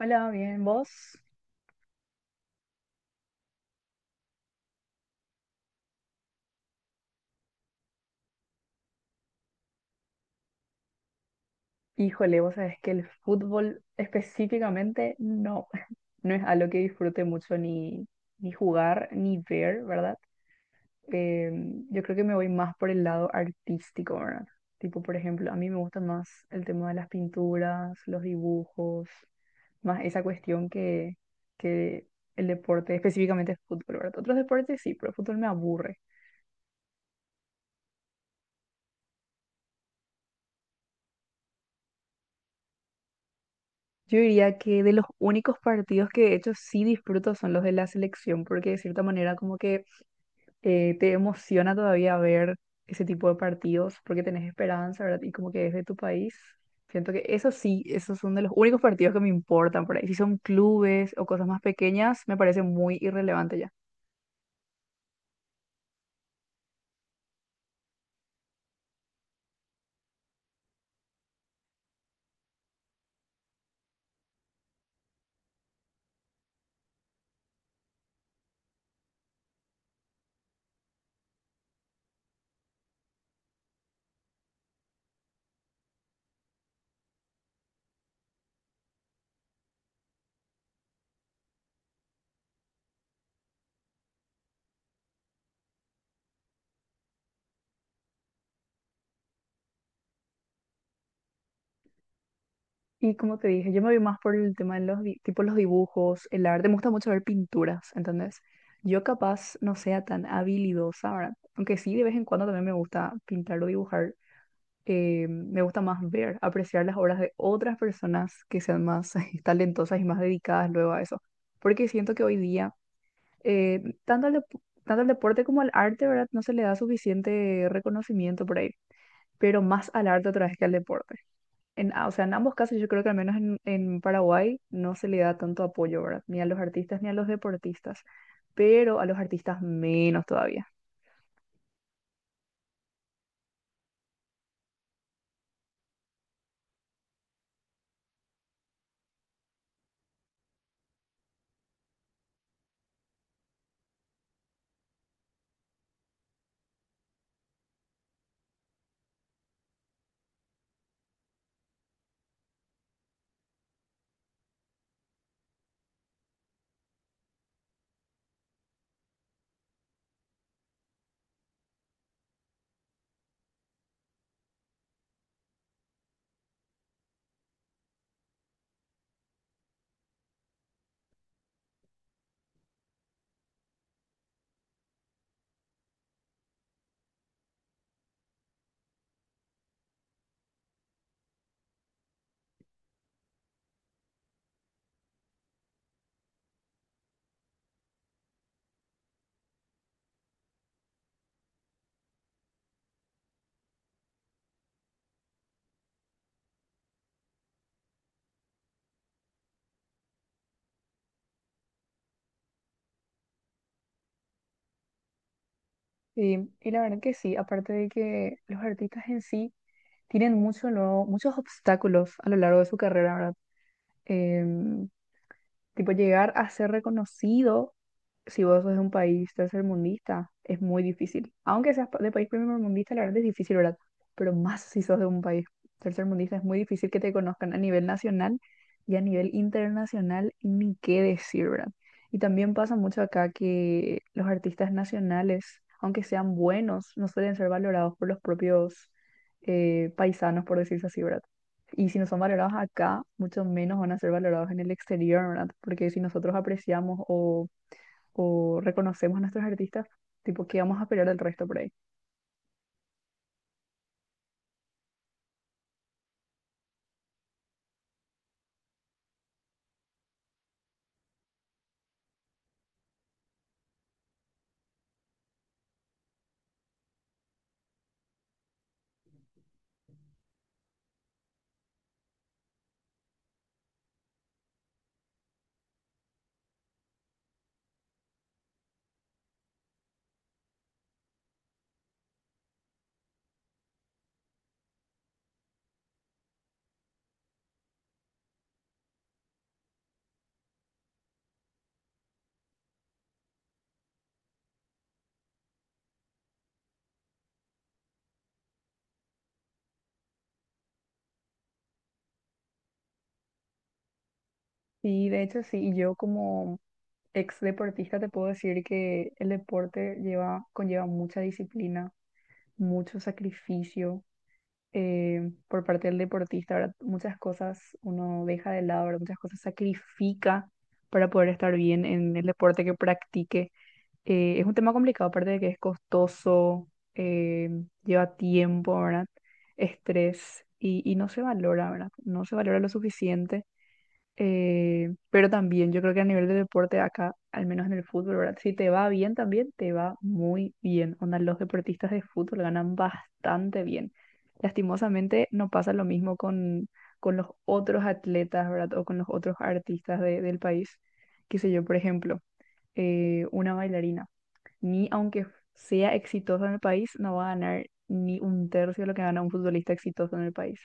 Hola, bien, ¿vos? Híjole, vos sabés que el fútbol específicamente no, no es algo que disfrute mucho ni, ni jugar ni ver, ¿verdad? Eh, yo creo que me voy más por el lado artístico, ¿verdad? Tipo, por ejemplo, a mí me gusta más el tema de las pinturas, los dibujos, más esa cuestión que el deporte, específicamente el fútbol, ¿verdad? Otros deportes sí, pero el fútbol me aburre. Yo diría que de los únicos partidos que de hecho sí disfruto son los de la selección, porque de cierta manera como que te emociona todavía ver ese tipo de partidos, porque tenés esperanza, ¿verdad? Y como que es de tu país. Siento que eso sí, esos son de los únicos partidos que me importan por ahí. Si son clubes o cosas más pequeñas, me parece muy irrelevante ya. Y como te dije, yo me voy más por el tema de los, tipo los dibujos, el arte. Me gusta mucho ver pinturas, ¿entendés? Yo capaz no sea tan habilidosa, ¿verdad? Aunque sí, de vez en cuando también me gusta pintar o dibujar. Me gusta más ver, apreciar las obras de otras personas que sean más talentosas y más dedicadas luego a eso. Porque siento que hoy día, tanto al, tanto al deporte como al arte, ¿verdad? No se le da suficiente reconocimiento por ahí, pero más al arte otra vez que al deporte. O sea, en ambos casos yo creo que al menos en Paraguay no se le da tanto apoyo, ¿verdad? Ni a los artistas ni a los deportistas, pero a los artistas menos todavía. Y la verdad que sí, aparte de que los artistas en sí tienen mucho, lo muchos obstáculos a lo largo de su carrera, ¿verdad? Em, Tipo llegar a ser reconocido si vos sos de un país tercermundista, es muy difícil. Aunque seas de país primermundista, la verdad es difícil, ¿verdad? Pero más si sos de un país tercermundista, es muy difícil que te conozcan a nivel nacional y a nivel internacional, ni qué decir, ¿verdad? Y también pasa mucho acá que los artistas nacionales, aunque sean buenos, no suelen ser valorados por los propios paisanos, por decirse así, ¿verdad? Y si no son valorados acá, mucho menos van a ser valorados en el exterior, ¿verdad? Porque si nosotros apreciamos o reconocemos a nuestros artistas, tipo, ¿qué vamos a esperar del resto por ahí? Y de hecho, sí, y yo como ex deportista te puedo decir que el deporte lleva, conlleva mucha disciplina, mucho sacrificio por parte del deportista, ¿verdad? Muchas cosas uno deja de lado, ¿verdad? Muchas cosas sacrifica para poder estar bien en el deporte que practique. Es un tema complicado, aparte de que es costoso, eh, lleva tiempo, ¿verdad? Estrés y no se valora, ¿verdad? No se valora lo suficiente. Pero también yo creo que a nivel de deporte acá, al menos en el fútbol, ¿verdad? Si te va bien también, te va muy bien. Onda, los deportistas de fútbol ganan bastante bien. Lastimosamente no pasa lo mismo con los otros atletas, ¿verdad? O con los otros artistas del país. Qué sé yo, por ejemplo, una bailarina ni aunque sea exitoso en el país, no va a ganar ni un tercio de lo que gana un futbolista exitoso en el país.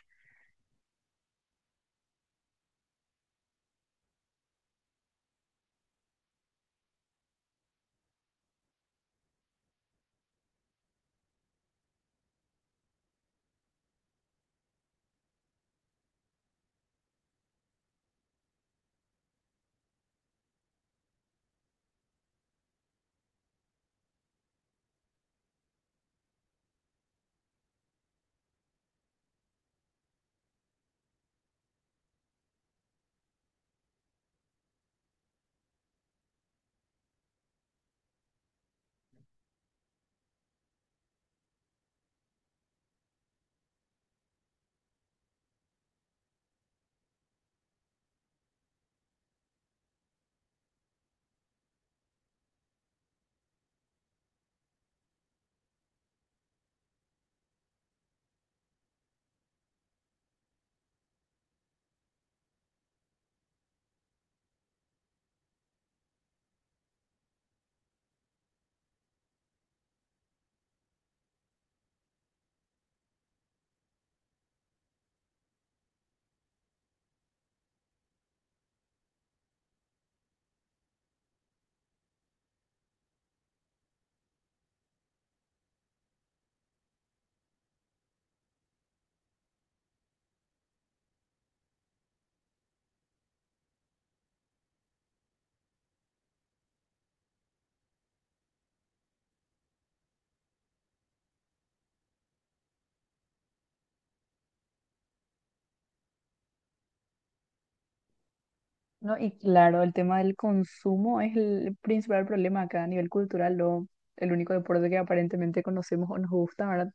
No, y claro, el tema del consumo es el principal problema acá a nivel cultural, lo, el único deporte que aparentemente conocemos o nos gusta, ¿verdad?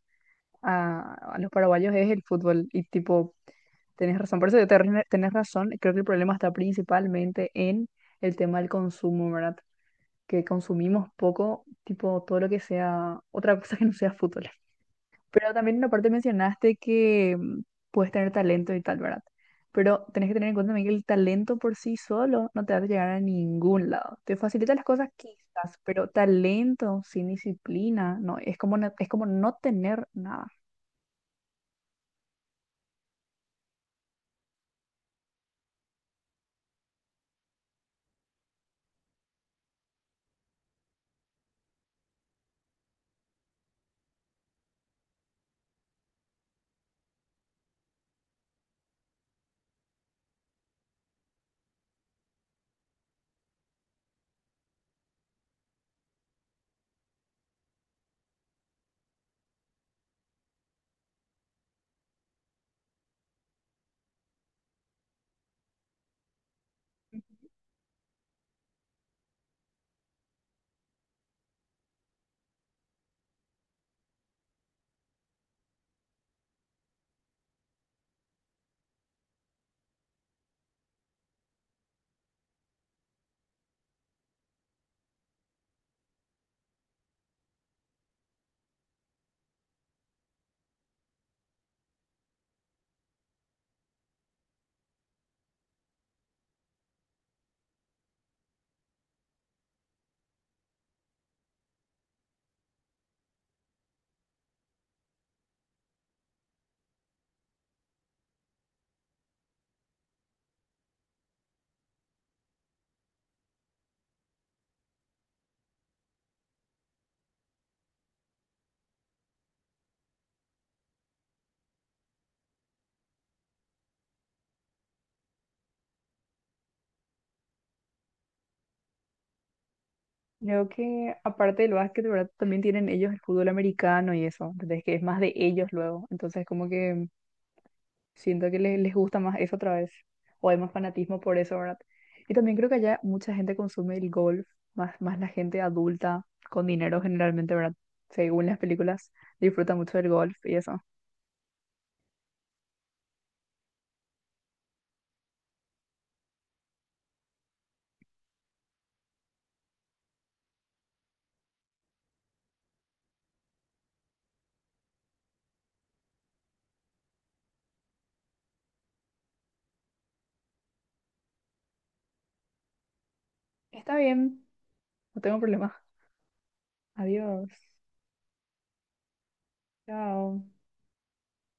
A los paraguayos es el fútbol y tipo, tenés razón, por eso yo te tenés razón, creo que el problema está principalmente en el tema del consumo, ¿verdad? Que consumimos poco, tipo, todo lo que sea, otra cosa que no sea fútbol. Pero también aparte mencionaste que puedes tener talento y tal, ¿verdad? Pero tenés que tener en cuenta también que el talento por sí solo no te va a llegar a ningún lado. Te facilita las cosas quizás, pero talento sin disciplina, no, es como, es como no tener nada. Creo que aparte del básquet, ¿verdad? También tienen ellos el fútbol americano y eso, entonces que es más de ellos luego. Entonces como que siento que les gusta más eso otra vez. O hay más fanatismo por eso, ¿verdad? Y también creo que allá mucha gente consume el golf, más la gente adulta, con dinero generalmente, ¿verdad? Según las películas, disfruta mucho del golf y eso. Está bien, no tengo problema. Adiós. Chao.